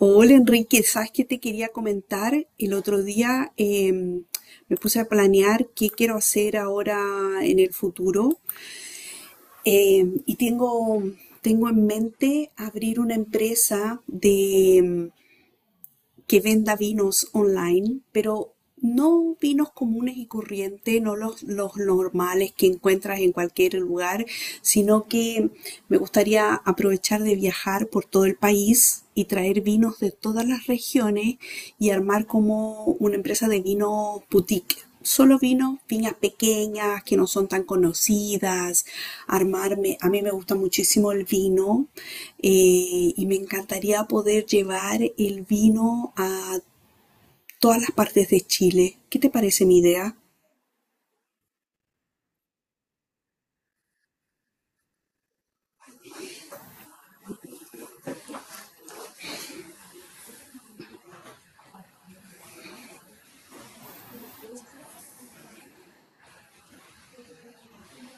Hola Enrique, ¿sabes qué te quería comentar? El otro día me puse a planear qué quiero hacer ahora en el futuro. Y Tengo en mente abrir una empresa de que venda vinos online, pero no vinos comunes y corrientes, no los normales que encuentras en cualquier lugar, sino que me gustaría aprovechar de viajar por todo el país y traer vinos de todas las regiones y armar como una empresa de vinos boutique, solo vino, viñas pequeñas que no son tan conocidas, armarme, a mí me gusta muchísimo el vino, y me encantaría poder llevar el vino a todas las partes de Chile. ¿Qué te parece mi idea?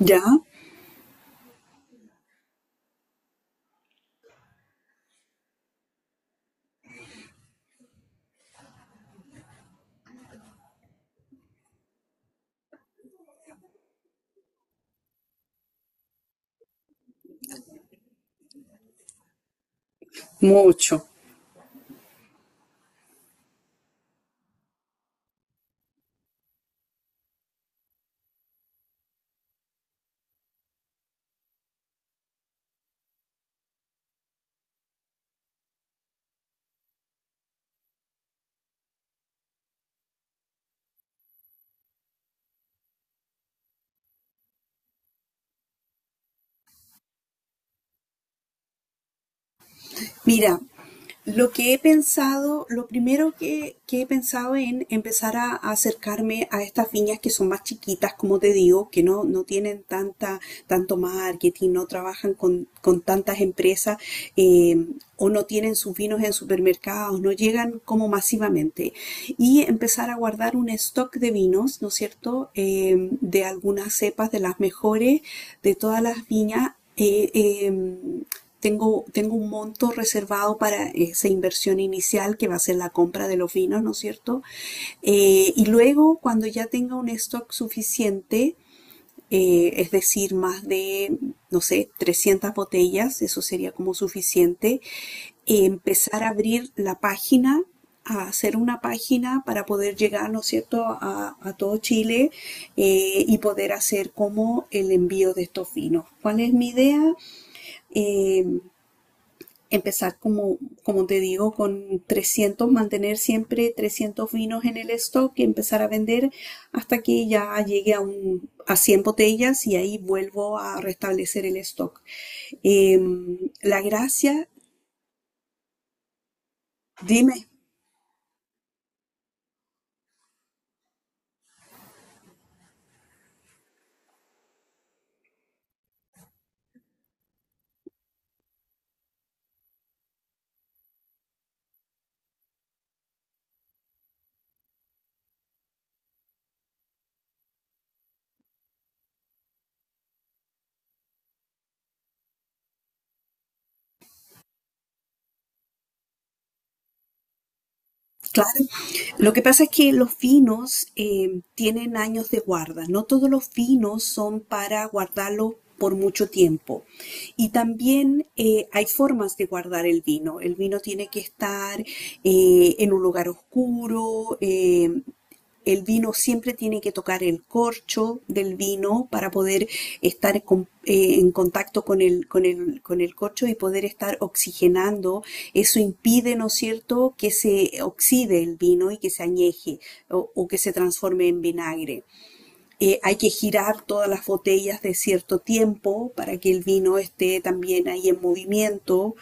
¿Ya? Mucho. Mira, lo que he pensado, lo primero que he pensado en empezar a acercarme a estas viñas que son más chiquitas, como te digo, que no tienen tanto marketing, no trabajan con tantas empresas, eh, o no tienen sus vinos en supermercados, no llegan como masivamente. Y empezar a guardar un stock de vinos, ¿no es cierto?, de algunas cepas de las mejores, de todas las viñas, tengo un monto reservado para esa inversión inicial que va a ser la compra de los vinos, ¿no es cierto? Y luego, cuando ya tenga un stock suficiente, es decir, no sé, 300 botellas, eso sería como suficiente. Empezar a abrir la página, a hacer una página para poder llegar, ¿no es cierto?, a todo Chile, y poder hacer como el envío de estos vinos. ¿Cuál es mi idea? Eh, Empezar como, como te digo, con trescientos, mantener siempre 300 vinos en el stock y empezar a vender hasta que ya llegue a, un, a 100 botellas, y ahí vuelvo a restablecer el stock. La gracia, dime. Claro. Lo que pasa es que los vinos tienen años de guarda. No todos los vinos son para guardarlos por mucho tiempo. Y también hay formas de guardar el vino. El vino tiene que estar en un lugar oscuro, el vino siempre tiene que tocar el corcho del vino para poder estar en contacto con con el corcho y poder estar oxigenando. Eso impide, ¿no es cierto?, que se oxide el vino y que se añeje, o que se transforme en vinagre. Hay que girar todas las botellas de cierto tiempo para que el vino esté también ahí en movimiento,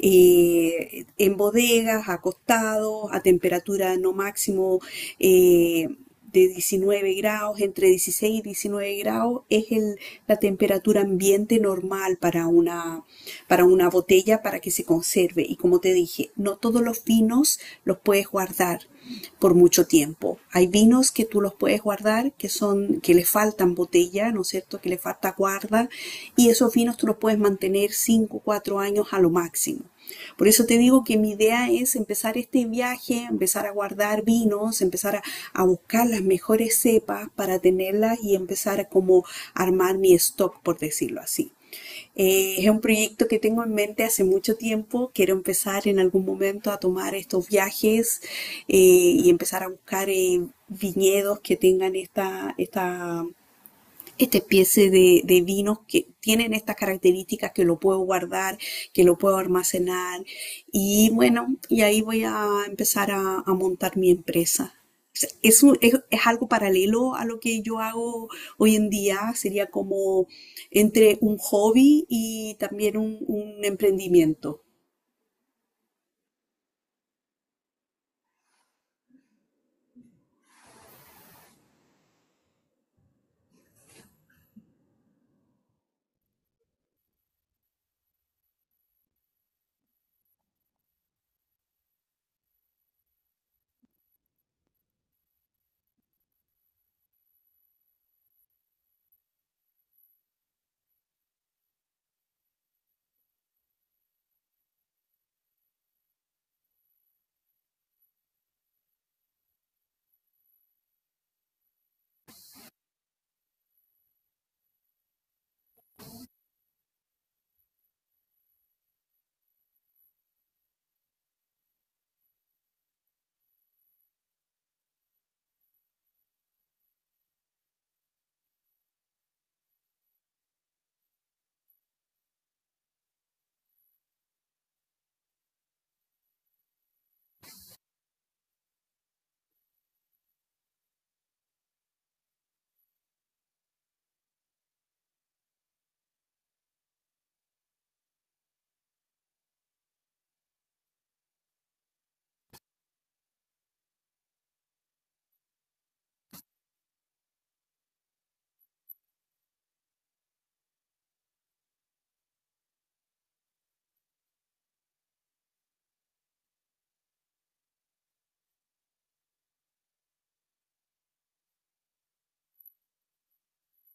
en bodegas, acostados, a temperatura no máximo, eh, de 19 grados, entre 16 y 19 grados es la temperatura ambiente de normal para una botella para que se conserve. Y como te dije, no todos los vinos los puedes guardar por mucho tiempo. Hay vinos que tú los puedes guardar, que son, que le faltan botella, ¿no es cierto? Que le falta guarda. Y esos vinos tú los puedes mantener 5 4 años a lo máximo. Por eso te digo que mi idea es empezar este viaje, empezar a guardar vinos, empezar a buscar las mejores cepas para tenerlas y empezar a como armar mi stock, por decirlo así. Es un proyecto que tengo en mente hace mucho tiempo. Quiero empezar en algún momento a tomar estos viajes, y empezar a buscar viñedos que tengan esta especie de vinos que tienen estas características, que lo puedo guardar, que lo puedo almacenar. Y bueno, y ahí voy a empezar a montar mi empresa. O sea, es algo paralelo a lo que yo hago hoy en día. Sería como entre un hobby y también un emprendimiento.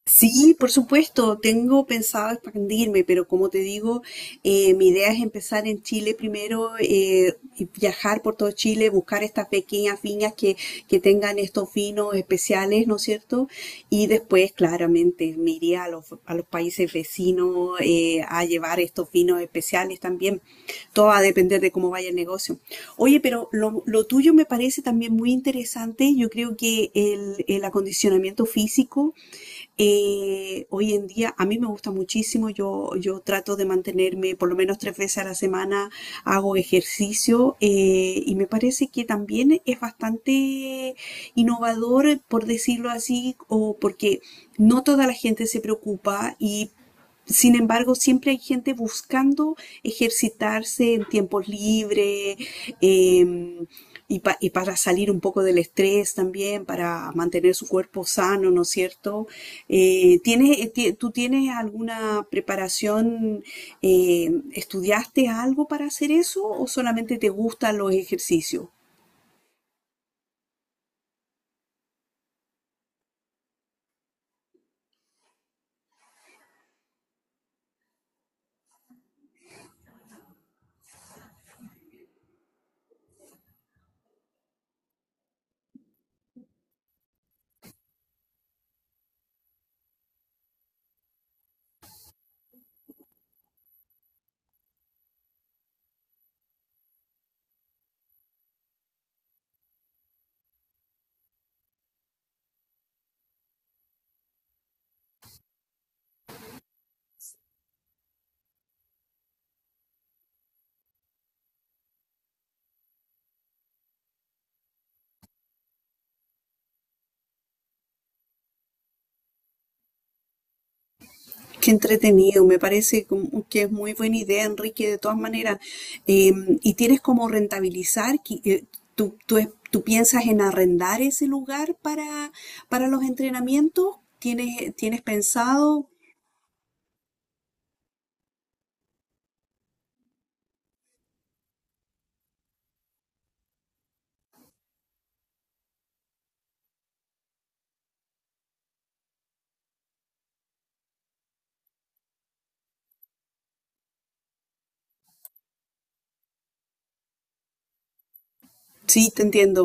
Sí, por supuesto, tengo pensado expandirme, pero como te digo, mi idea es empezar en Chile primero, y viajar por todo Chile, buscar estas pequeñas viñas que tengan estos vinos especiales, ¿no es cierto? Y después, claramente, me iría a los países vecinos, a llevar estos vinos especiales también. Todo va a depender de cómo vaya el negocio. Oye, pero lo tuyo me parece también muy interesante. Yo creo que el acondicionamiento físico, hoy en día a mí me gusta muchísimo, yo trato de mantenerme por lo menos 3 veces a la semana, hago ejercicio, y me parece que también es bastante innovador, por decirlo así, o porque no toda la gente se preocupa, y sin embargo siempre hay gente buscando ejercitarse en tiempos libres. em, y y para salir un poco del estrés también, para mantener su cuerpo sano, ¿no es cierto? ¿Tú tienes alguna preparación? ¿Estudiaste algo para hacer eso o solamente te gustan los ejercicios? Qué entretenido, me parece como que es muy buena idea, Enrique, de todas maneras. Eh, ¿Y tienes como rentabilizar? ¿Tú piensas en arrendar ese lugar para los entrenamientos? ¿Tienes pensado? Sí, te entiendo.